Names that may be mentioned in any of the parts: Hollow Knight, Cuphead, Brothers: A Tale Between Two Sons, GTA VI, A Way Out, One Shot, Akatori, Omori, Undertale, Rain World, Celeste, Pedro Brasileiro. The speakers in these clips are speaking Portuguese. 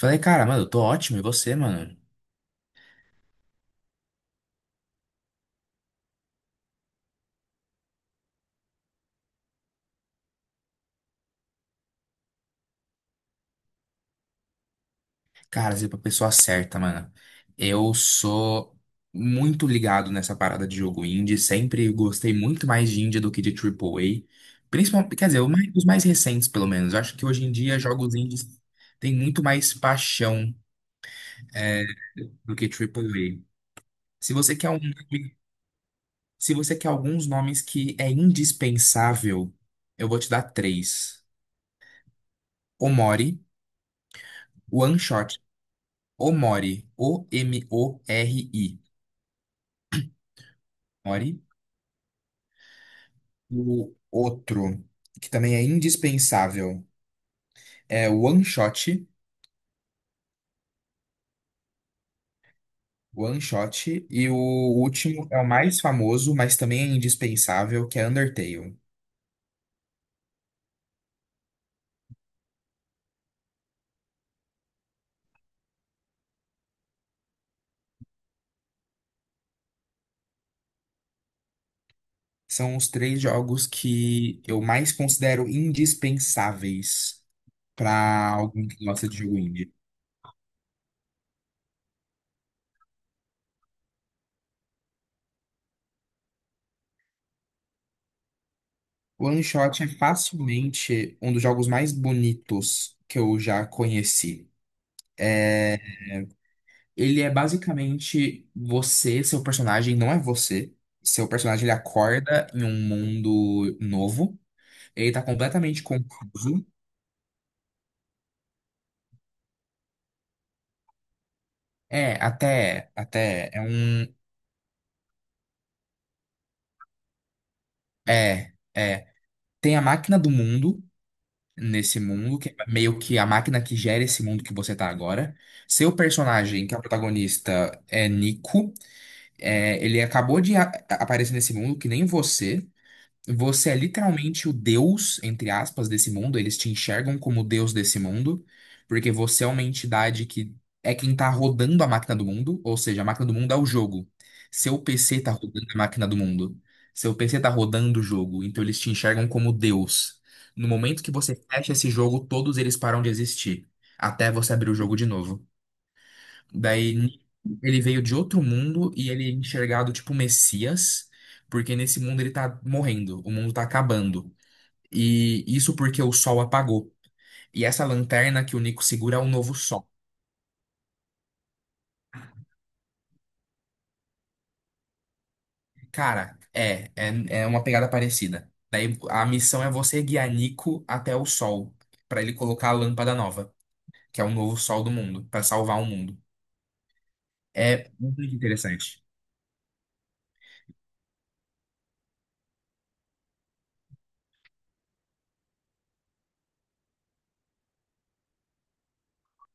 Falei, cara, mano, eu tô ótimo, e você, mano? Cara, você é pra pessoa certa, mano. Eu sou muito ligado nessa parada de jogo indie, sempre gostei muito mais de indie do que de triple A. Principalmente, quer dizer, os mais recentes, pelo menos. Eu acho que hoje em dia jogos indies têm muito mais paixão do que triple A. Se você quer um, se você quer alguns nomes que é indispensável, eu vou te dar três. Omori, One Shot, Omori, O M O R I. Omori. O outro, que também é indispensável, é o One Shot. One Shot. E o último é o mais famoso, mas também é indispensável, que é Undertale. São os três jogos que eu mais considero indispensáveis para alguém que gosta de jogo indie. O One Shot é facilmente um dos jogos mais bonitos que eu já conheci. Ele é basicamente você, seu personagem não é você. Seu personagem ele acorda em um mundo novo. Ele tá completamente confuso. É, até é um, é, é, tem a máquina do mundo nesse mundo que é meio que a máquina que gera esse mundo que você tá agora. Seu personagem, que é o protagonista, é Nico. É, ele aparecer nesse mundo que nem você. Você é literalmente o deus, entre aspas, desse mundo. Eles te enxergam como o deus desse mundo, porque você é uma entidade que é quem tá rodando a máquina do mundo, ou seja, a máquina do mundo é o jogo. Seu PC tá rodando a máquina do mundo. Seu PC tá rodando o jogo, então eles te enxergam como deus. No momento que você fecha esse jogo, todos eles param de existir, até você abrir o jogo de novo. Daí ele veio de outro mundo e ele é enxergado tipo Messias, porque nesse mundo ele tá morrendo, o mundo tá acabando. E isso porque o sol apagou. E essa lanterna que o Nico segura é um novo sol. Cara, é uma pegada parecida. Daí a missão é você guiar Nico até o sol, pra ele colocar a lâmpada nova, que é o novo sol do mundo, pra salvar o mundo. É muito interessante.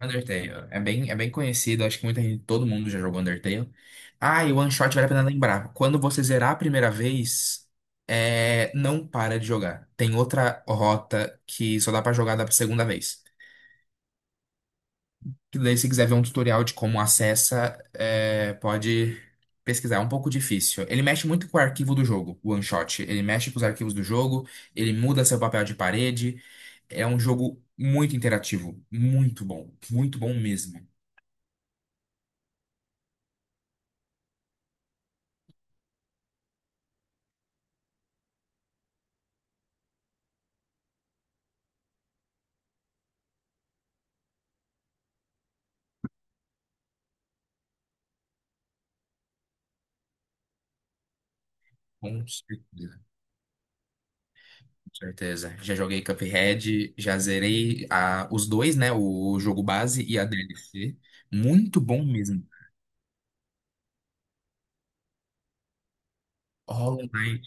Undertale. É bem conhecido, acho que muita gente, todo mundo já jogou Undertale. Ah, e o One Shot vale a pena lembrar. Quando você zerar a primeira vez, não para de jogar. Tem outra rota que só dá pra jogar da segunda vez. Que daí, se quiser ver um tutorial de como acessa, pode pesquisar. É um pouco difícil. Ele mexe muito com o arquivo do jogo, o One Shot. Ele mexe com os arquivos do jogo, ele muda seu papel de parede. É um jogo muito interativo, muito bom mesmo. Com certeza, com certeza. Já joguei Cuphead, já zerei os dois, né? O jogo base e a DLC. Muito bom mesmo. Hollow Knight,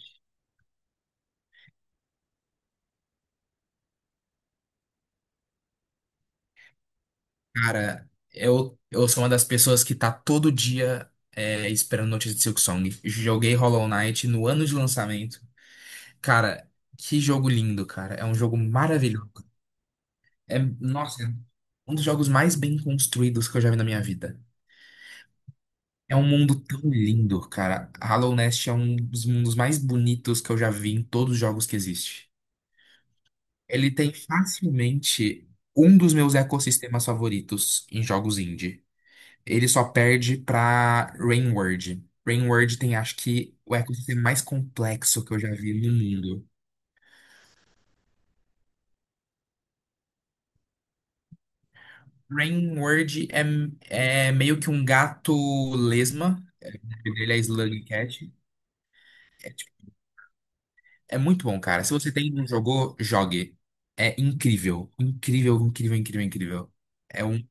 cara, eu sou uma das pessoas que tá todo dia esperando notícia de Silksong. Joguei Hollow Knight no ano de lançamento. Cara, que jogo lindo, cara. É um jogo maravilhoso. É, nossa, é um dos jogos mais bem construídos que eu já vi na minha vida. É um mundo tão lindo, cara. Hollow Knight é um dos mundos mais bonitos que eu já vi em todos os jogos que existe. Ele tem facilmente um dos meus ecossistemas favoritos em jogos indie. Ele só perde pra Rain World. Rain World tem, acho que, o ecossistema mais complexo que eu já vi no mundo. Rain World é, é meio que um gato lesma. O nome dele é Slug Cat. É, É muito bom, cara. Se você tem não jogou, jogue. É incrível. Incrível, incrível, incrível, incrível. É um.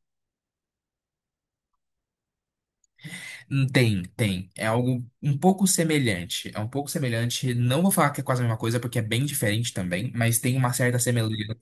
Tem, tem. É algo um pouco semelhante. É um pouco semelhante. Não vou falar que é quase a mesma coisa, porque é bem diferente também, mas tem uma certa semelhança.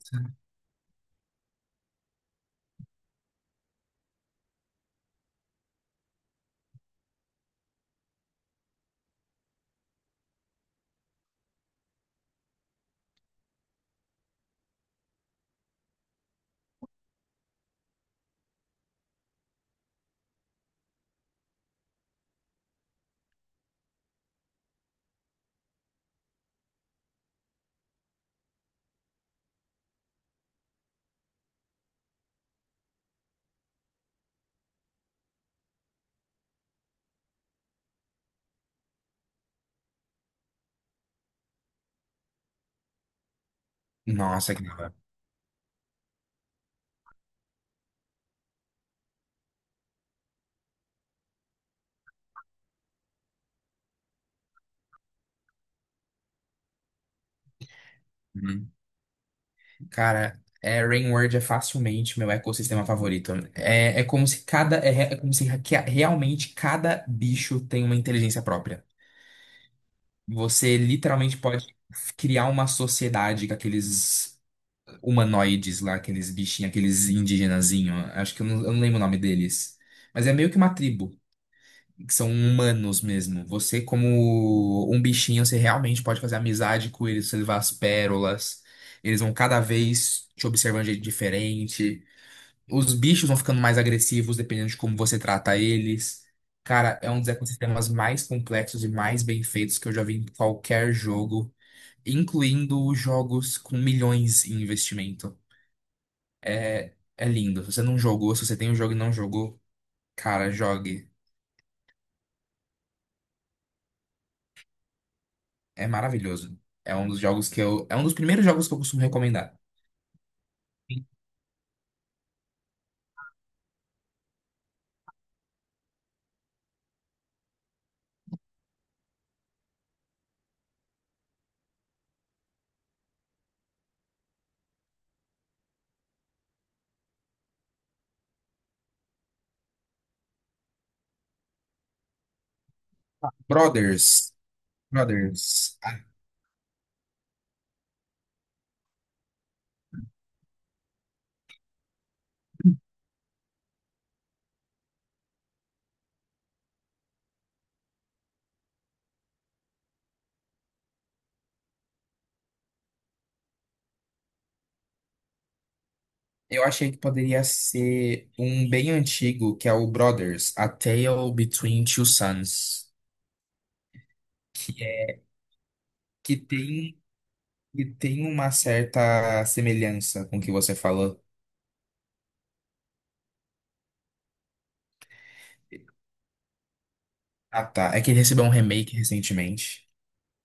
Nossa, que da hora. Hum. Cara, é, Rainward é facilmente meu ecossistema favorito. É, é como se cada. É, é como se realmente cada bicho tem uma inteligência própria. Você literalmente pode criar uma sociedade com aqueles humanoides lá, aqueles bichinhos, aqueles indigenazinho. Acho que eu não lembro o nome deles. Mas é meio que uma tribo, que são humanos mesmo. Você, como um bichinho, você realmente pode fazer amizade com eles, você levar as pérolas. Eles vão cada vez te observando de jeito diferente. Os bichos vão ficando mais agressivos dependendo de como você trata eles. Cara, é um dos ecossistemas mais complexos e mais bem feitos que eu já vi em qualquer jogo, incluindo jogos com milhões em investimento. É, é lindo. Se você não jogou, se você tem o jogo e não jogou, cara, jogue. É maravilhoso. É um dos jogos que eu. É um dos primeiros jogos que eu costumo recomendar. Brothers. Brothers. Ah, eu achei que poderia ser um bem antigo, que é o Brothers, A Tale Between Two Sons. Que é. Que tem. Que tem uma certa semelhança com o que você falou. Ah, tá. É que ele recebeu um remake recentemente.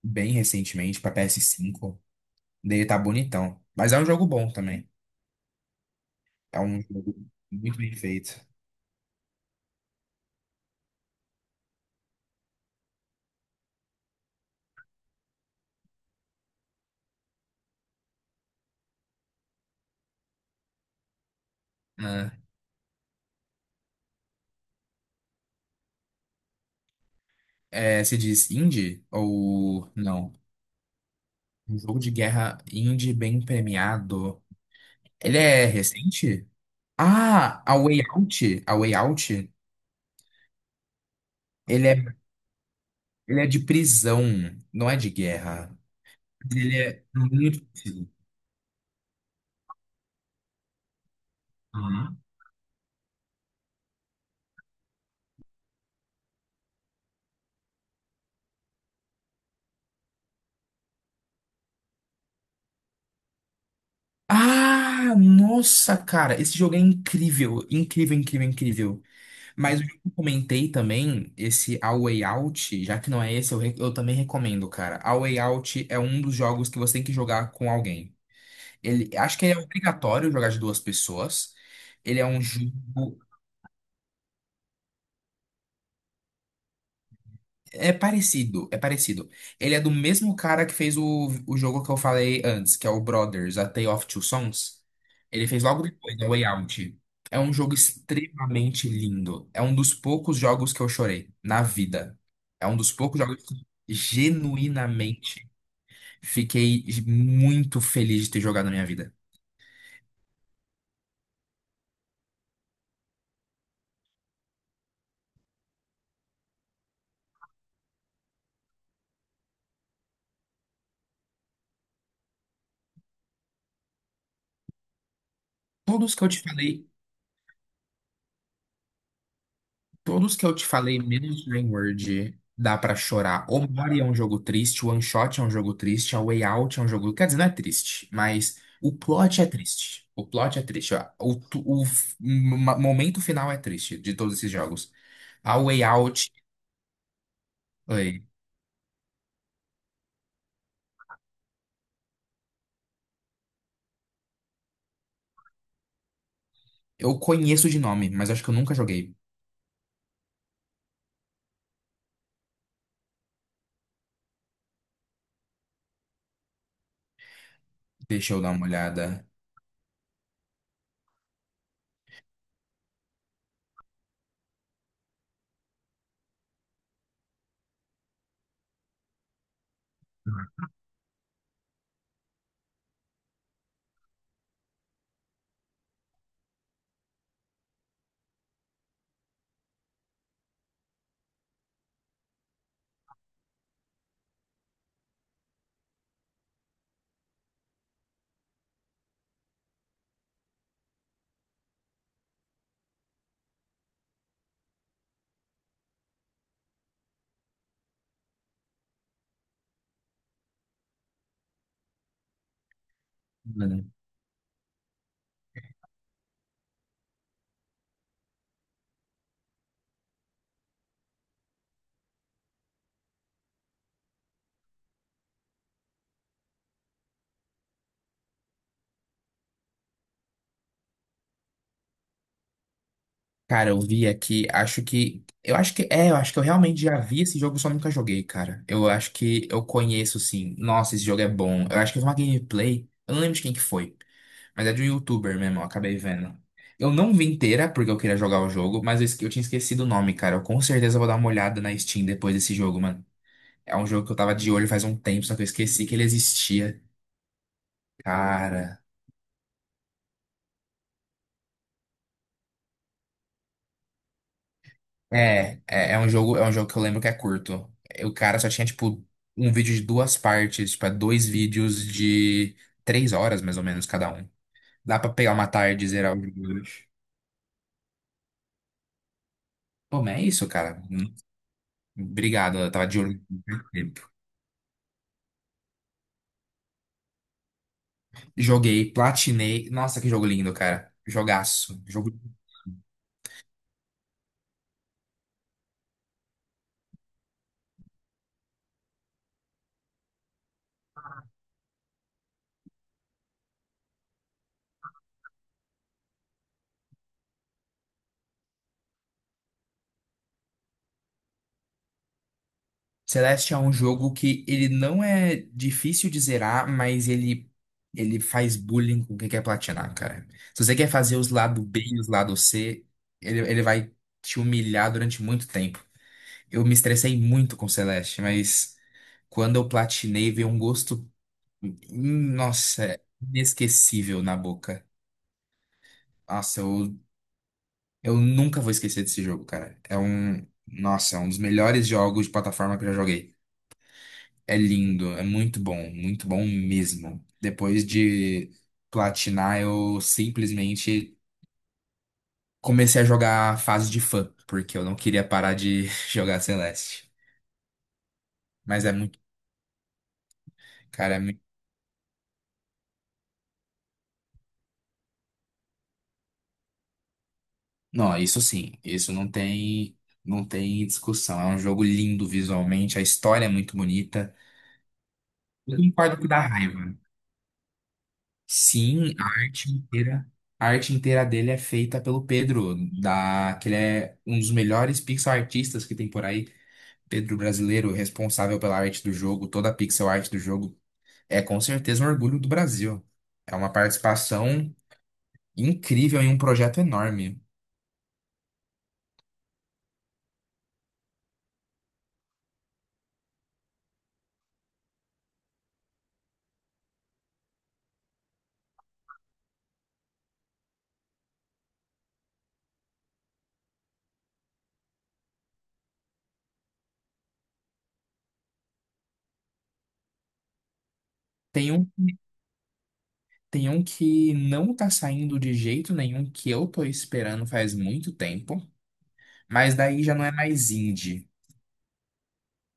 Bem recentemente, pra PS5. Dele tá bonitão. Mas é um jogo bom também. É um jogo muito bem feito. Ah, se diz indie ou não? Um jogo de guerra indie bem premiado. Ele é recente? Ah, A Way Out. A Way Out. Ele é, ele é de prisão, não é de guerra. Ele é muito. Parecido. Uhum. Ah, nossa, cara. Esse jogo é incrível. Incrível, incrível, incrível. Mas o jogo que eu comentei também, esse A Way Out, já que não é esse, eu também recomendo, cara. A Way Out é um dos jogos que você tem que jogar com alguém. Ele, acho que ele é obrigatório jogar de duas pessoas. Ele é um jogo. É parecido, é parecido. Ele é do mesmo cara que fez o jogo que eu falei antes, que é o Brothers, A Tale of Two Sons. Ele fez logo depois, A Way Out. É um jogo extremamente lindo. É um dos poucos jogos que eu chorei na vida. É um dos poucos jogos que genuinamente fiquei muito feliz de ter jogado na minha vida. Todos que eu te falei. Todos que eu te falei, menos Word dá pra chorar. O Mario é um jogo triste, o One Shot é um jogo triste, a Way Out é um jogo. Quer dizer, não é triste, mas o plot é triste. O plot é triste. Ó. O momento final é triste de todos esses jogos. A Way Out, oi, eu conheço de nome, mas acho que eu nunca joguei. Deixa eu dar uma olhada. Cara, eu vi aqui, acho que. Eu acho que. É, eu acho que eu realmente já vi esse jogo, só nunca joguei, cara. Eu acho que eu conheço, sim. Nossa, esse jogo é bom. Eu acho que eu vi uma gameplay. Eu não lembro de quem que foi. Mas é de um youtuber mesmo, eu acabei vendo. Eu não vi inteira, porque eu queria jogar o jogo, mas eu tinha esquecido o nome, cara. Eu com certeza vou dar uma olhada na Steam depois desse jogo, mano. É um jogo que eu tava de olho faz um tempo, só que eu esqueci que ele existia. Cara. É um jogo que eu lembro que é curto. O cara só tinha, tipo, um vídeo de duas partes, tipo, é dois vídeos de 3 horas, mais ou menos, cada um. Dá pra pegar uma tarde e zerar o jogo. Pô, mas é isso, cara. Hum. Obrigado, eu tava de olho no tempo. Joguei, platinei. Nossa, que jogo lindo, cara. Jogaço. Jogo. Celeste é um jogo que ele não é difícil de zerar, mas ele faz bullying com quem quer platinar, cara. Se você quer fazer os lados B e os lados, C, ele vai te humilhar durante muito tempo. Eu me estressei muito com Celeste, mas quando eu platinei, veio um gosto, nossa, inesquecível na boca. Nossa, eu nunca vou esquecer desse jogo, cara. É um, nossa, é um dos melhores jogos de plataforma que eu já joguei. É lindo, é muito bom mesmo. Depois de platinar, eu simplesmente comecei a jogar a fase de fã, porque eu não queria parar de jogar Celeste. Mas é muito, cara, é muito... Não, isso sim, não tem discussão. É um jogo lindo visualmente, a história é muito bonita. Eu concordo que dá raiva. Sim, a arte inteira dele é feita pelo Pedro, da, que ele é um dos melhores pixel artistas que tem por aí. Pedro Brasileiro, responsável pela arte do jogo, toda a pixel art do jogo, é com certeza um orgulho do Brasil. É uma participação incrível em um projeto enorme. Tem um, tem um que não tá saindo de jeito nenhum, que eu tô esperando faz muito tempo, mas daí já não é mais indie.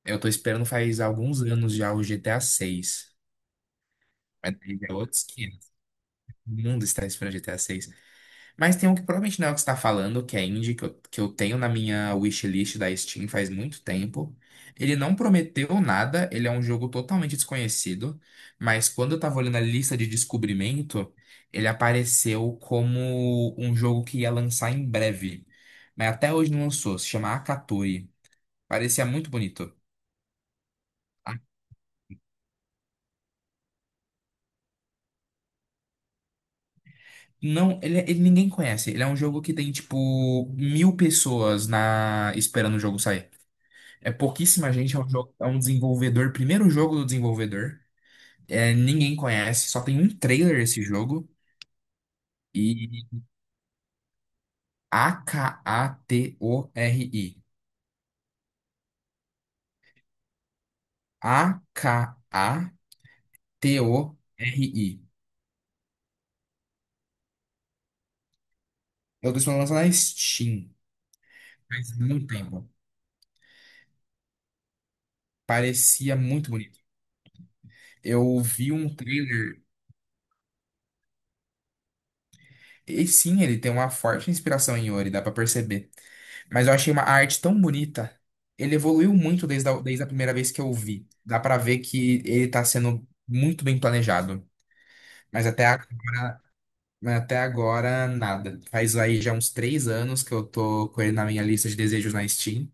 Eu tô esperando faz alguns anos já o GTA VI. Mas daí já é outros 500. O mundo está esperando GTA VI. Mas tem um que provavelmente não é o que você tá falando, que é indie, que eu tenho na minha wishlist da Steam faz muito tempo. Ele não prometeu nada, ele é um jogo totalmente desconhecido, mas quando eu tava olhando a lista de descobrimento, ele apareceu como um jogo que ia lançar em breve. Mas até hoje não lançou, se chama Akatori. Parecia muito bonito. Ah, não, ele ninguém conhece. Ele é um jogo que tem, tipo, mil pessoas na esperando o jogo sair. É pouquíssima gente, é um jogo, é um desenvolvedor, primeiro jogo do desenvolvedor. É, ninguém conhece, só tem um trailer esse jogo. E Akatori. Akatori. Eu estou lançando na Steam, faz muito tempo. Parecia muito bonito. Eu vi um trailer. E sim, ele tem uma forte inspiração em Yuri, dá pra perceber. Mas eu achei uma arte tão bonita. Ele evoluiu muito desde a primeira vez que eu vi. Dá pra ver que ele tá sendo muito bem planejado. Mas até agora, mas até agora, nada. Faz aí já uns 3 anos que eu tô com ele na minha lista de desejos na Steam.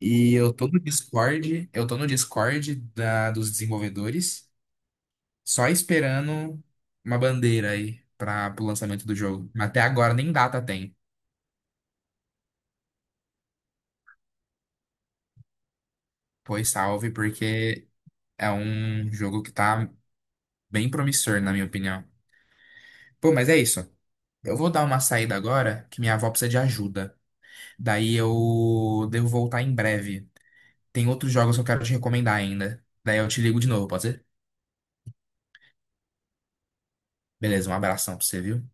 E eu tô no Discord da, dos desenvolvedores, só esperando uma bandeira aí para o lançamento do jogo. Mas até agora nem data tem. Pois salve, porque é um jogo que tá bem promissor, na minha opinião. Pô, mas é isso. Eu vou dar uma saída agora, que minha avó precisa de ajuda. Daí eu devo voltar em breve. Tem outros jogos que eu quero te recomendar ainda. Daí eu te ligo de novo, pode ser? Beleza, um abração pra você, viu?